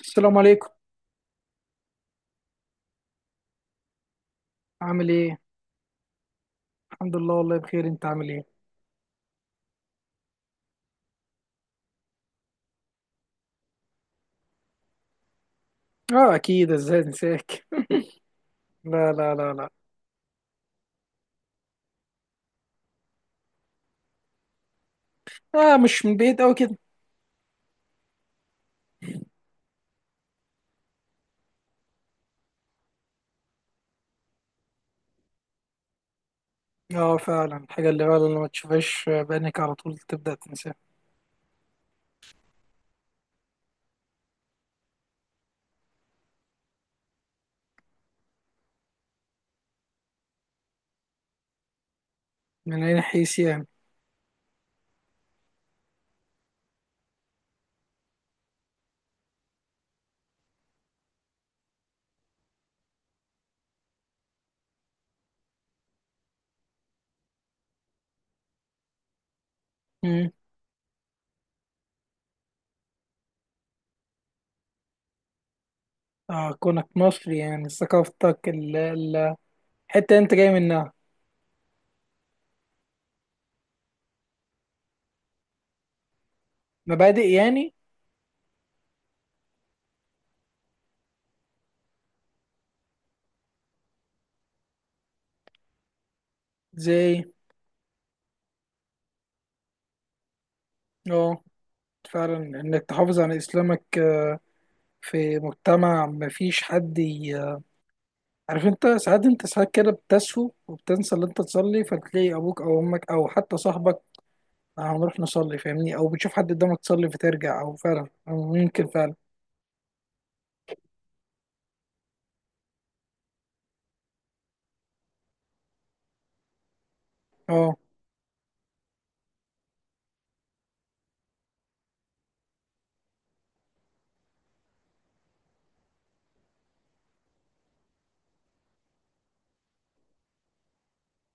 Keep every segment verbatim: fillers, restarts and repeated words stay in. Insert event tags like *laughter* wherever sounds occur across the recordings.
السلام عليكم. عامل ايه؟ الحمد لله، والله بخير، انت عامل ايه؟ اه اكيد، ازاي انساك. *laughs* لا لا لا لا اه مش من بعيد قوي كده. اه فعلا، الحاجه اللي فعلا لما تشوفهاش بعينك على طول تبدا تنساها. من اي حيث يعني؟ مم. اه، كونك مصري يعني ثقافتك ال- ال- الحته اللي انت جاي منها. مبادئ يعني. زي. اه فعلا انك تحافظ على اسلامك في مجتمع مفيش حد ي- عارف انت، ساعات انت ساعات كده بتسهو وبتنسى اللي انت تصلي، فتلاقي ابوك او امك او حتى صاحبك "آه، هنروح نصلي، فاهمني، او بتشوف حد قدامك تصلي فترجع، او فعلا، أو ممكن فعلا. اه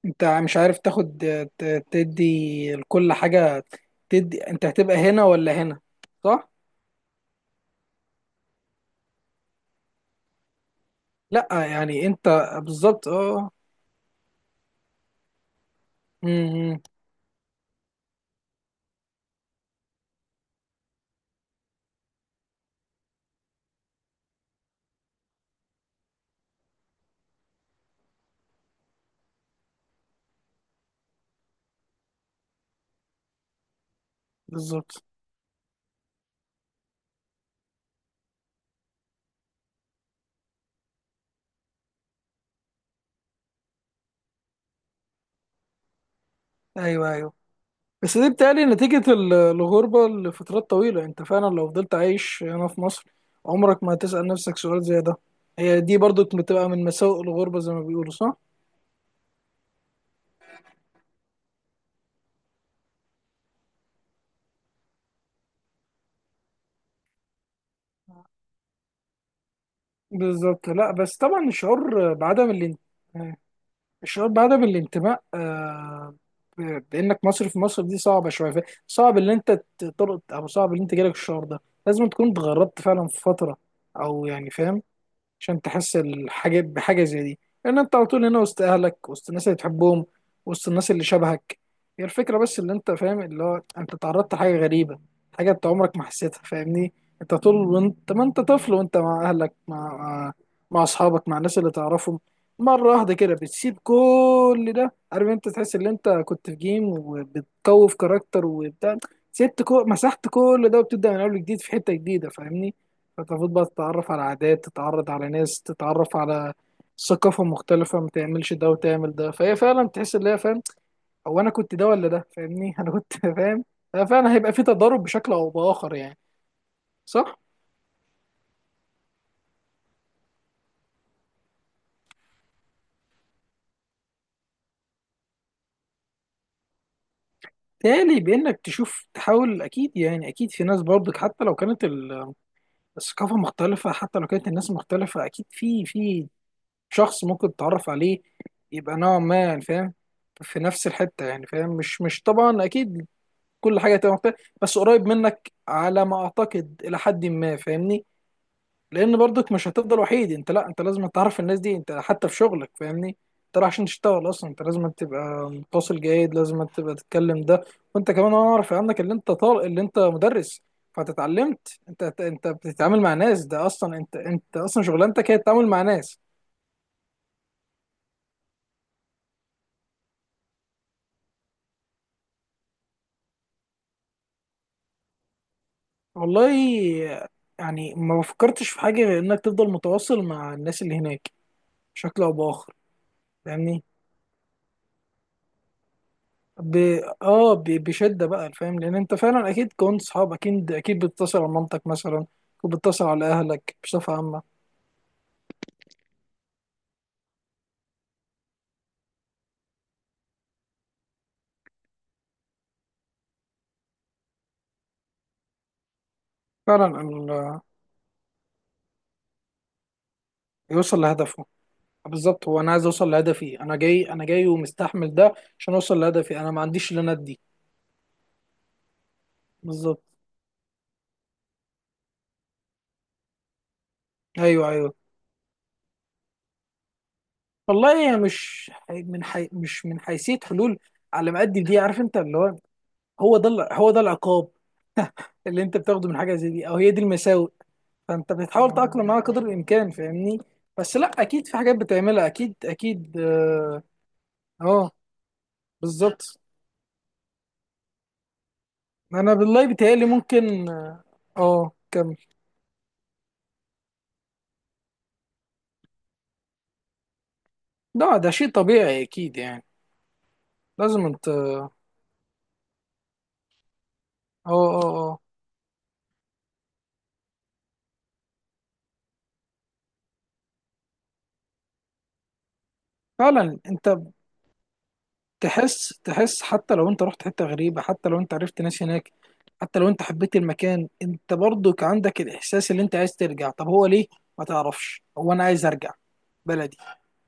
انت مش عارف تاخد، ت- تدي لكل حاجة. تدي، انت هتبقى هنا ولا هنا؟ صح؟ لا يعني انت، بالظبط اه. أمم، بالظبط. ايوه ايوه. بس دي بتقلي نتيجة ال- الغربة لفترات طويلة. انت فعلا لو فضلت عايش هنا في مصر، عمرك ما هتسأل نفسك سؤال زي ده. هي دي برضو بتبقى من مساوئ الغربة، زي ما بيقولوا، صح؟ بالظبط. لا بس طبعا الشعور بعدم الان- الشعور بعدم الانتماء، آه، ب- بانك مصري في مصر دي صعبه شويه، ف- صعب ان انت تطلق، او صعب ان انت جالك الشعور ده. لازم تكون اتغربت فعلا في فتره، او يعني فاهم، عشان تحس الحاجة بحاجة زي دي. لأن أنت على طول هنا وسط أهلك، وسط الناس اللي بتحبهم، وسط الناس اللي شبهك. هي الفكرة بس، اللي أنت فاهم، اللي هو أنت تعرضت لحاجة غريبة، حاجة أنت عمرك ما حسيتها، فاهمني. أنت طول، وأنت ما أنت طفل، وأنت مع أهلك، مع مع مع أصحابك، مع الناس اللي تعرفهم. مرة واحدة كده بتسيب كل ده، عارف أنت، تحس إن أنت كنت في جيم وبتقوي في كاركتر وبتاع، سبت كو... مسحت كل ده، وبتبدأ من أول جديد في حتة جديدة، فاهمني. فتفوت بقى تتعرف على عادات، تتعرض على ناس، تتعرف على ثقافة مختلفة، ما تعملش ده وتعمل ده. فهي فعلا تحس ان هي فاهم، هو انا كنت ده ولا ده؟ فاهمني. *laughs* انا كنت فاهم. آه، فعلا هيبقى في تضارب بشكل او باخر يعني. صح. تالي بانك تشوف، تحاول. اكيد يعني اكيد في ناس برضك حتى لو كانت ال- الثقافة مختلفة، حتى لو كانت الناس مختلفة، اكيد في، في شخص ممكن تتعرف عليه، يبقى نوعا ما يعني فاهم في نفس الحتة، يعني فاهم. مش مش طبعا، أكيد كل حاجه هتبقى مختلفه، بس قريب منك على ما اعتقد، الى حد ما، فاهمني. لان برضك مش هتفضل وحيد، انت لا، انت لازم تعرف الناس دي، انت حتى في شغلك، فاهمني. انت رايح عشان تشتغل اصلا، انت لازم تبقى متواصل جيد، لازم تبقى تتكلم ده. وانت كمان انا اعرف عنك اللي انت طالق اللي انت مدرس، فانت اتعلمت، انت انت بتتعامل مع ناس، ده اصلا انت انت اصلا شغلانتك هي التعامل مع ناس. والله يعني، ما فكرتش في حاجه غير انك تفضل متواصل مع الناس اللي هناك، بشكل او باخر. فاهمني ب... اه ب... بشده بقى، فاهم، لان انت فعلا اكيد كنت صحاب، اكيد اكيد بتتصل على مامتك مثلا، وبتتصل على اهلك بصفه عامه. فعلا ال... يوصل لهدفه. بالظبط، هو انا عايز اوصل لهدفي، انا جاي، انا جاي ومستحمل ده عشان اوصل لهدفي. انا ما عنديش اللي انا ادي. بالظبط. ايوه ايوه. والله هي مش حي- من حي... مش من حيثيه حلول، على ما قد دي عارف انت، اللي هو هو ده ال- هو ده العقاب اللي انت بتاخده من حاجه زي دي، او هي دي المساوئ. فانت بتحاول تتأقلم معاها قدر الامكان، فاهمني. بس لا، اكيد في حاجات بتعملها، اكيد اكيد اه. آه، بالظبط. انا بالله بيتهيألي ممكن اه. آه، كمل. لا ده شيء طبيعي اكيد يعني. لازم انت، اه اه اه. فعلا انت تحس، تحس حتى لو انت رحت حتة غريبة، حتى لو انت عرفت ناس هناك، حتى لو انت حبيت المكان، انت برضك عندك الاحساس اللي انت عايز ترجع. طب هو ليه، ما تعرفش هو انا عايز ارجع بلدي.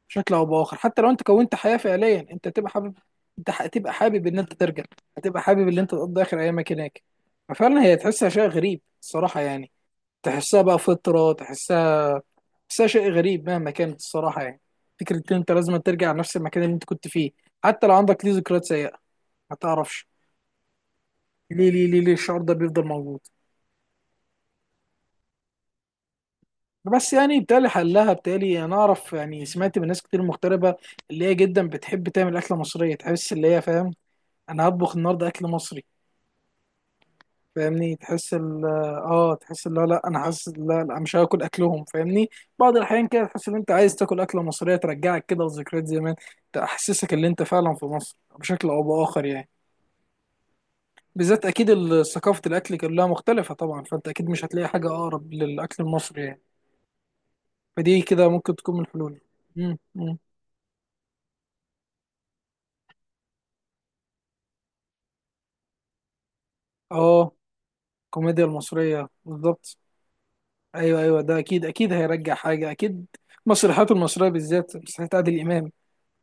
بشكل او باخر حتى لو انت كونت حياه فعليا انت تبقى حابب، انت هتبقى حابب ان انت ترجع، هتبقى حابب ان انت تقضي اخر ايامك هناك. ففعلا هي تحسها شيء غريب الصراحه يعني، تحسها بقى فطره، تحسها، تحسها شيء غريب مهما كانت الصراحه يعني، فكره ان انت لازم ترجع لنفس المكان اللي انت كنت فيه، حتى لو عندك ليه ذكريات سيئه، ما تعرفش ليه، ليه ليه ليه الشعور ده بيفضل موجود. بس يعني بالتالي حلها، بالتالي انا اعرف، يعني سمعت من ناس كتير مغتربه، اللي هي جدا بتحب تعمل اكله مصريه، تحس اللي هي فاهم، انا هطبخ النهارده اكل مصري. فاهمني تحس ال، اه تحس، لا لا انا حاسس، لا لا مش هاكل اكلهم، فاهمني. بعض الاحيان كده تحس ان انت عايز تاكل اكله مصريه ترجعك كده لذكريات زمان، تحسسك ان انت فعلا في مصر بشكل او باخر يعني. بالذات اكيد ال- ثقافه الاكل كلها مختلفه طبعا، فانت اكيد مش هتلاقي حاجه اقرب للاكل المصري يعني. فدي كده ممكن تكون من حلولي. مم، مم. اه، الكوميديا المصريه بالظبط. ايوه ايوه، ده اكيد اكيد هيرجع حاجه اكيد. مسرحياته المصريه، بالذات مسرحيات عادل امام،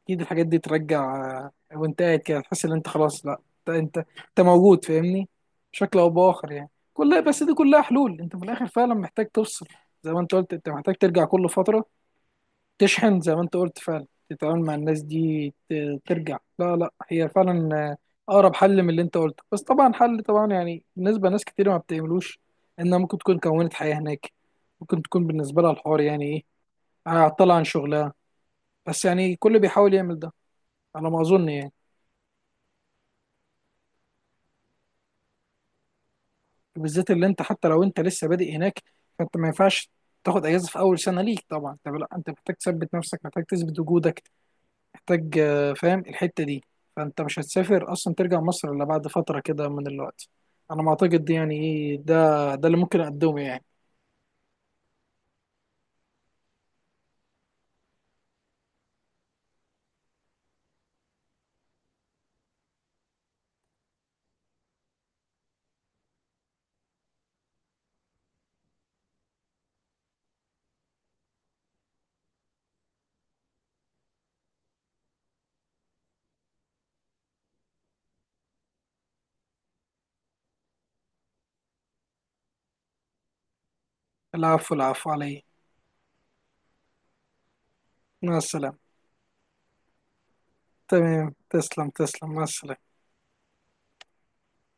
اكيد الحاجات دي ترجع. آه، وانت قاعد كده تحس ان انت خلاص لا، انت انت انت موجود، فاهمني، بشكل او باخر يعني. كلها، بس دي كلها حلول. انت في الاخر فعلا محتاج تفصل، زي ما انت قلت، انت محتاج ترجع كل فتره، تشحن زي ما انت قلت، فعلا تتعامل مع الناس دي، ت- ترجع. لا لا، هي فعلا آه، اقرب حل من اللي انت قلته، بس طبعا حل، طبعا يعني بالنسبه لناس كتير ما بتعملوش، انها ممكن تكون كونت حياه هناك، ممكن تكون بالنسبه لها الحوار يعني ايه، هتطلع عن شغلها. بس يعني كل بيحاول يعمل ده، على ما اظن يعني. بالذات اللي انت، حتى لو انت لسه بادئ هناك، فانت ما ينفعش تاخد اجازه في اول سنه ليك طبعا. انت لا، انت محتاج تثبت نفسك، محتاج تثبت وجودك، محتاج آه، فاهم الحته دي، فانت مش هتسافر اصلا ترجع مصر الا بعد فتره كده من الوقت. انا ما اعتقد دي، يعني ايه، ده ده اللي ممكن اقدمه يعني. العفو العفو علي. مع السلامه. تمام، تسلم تسلم مع السلامه.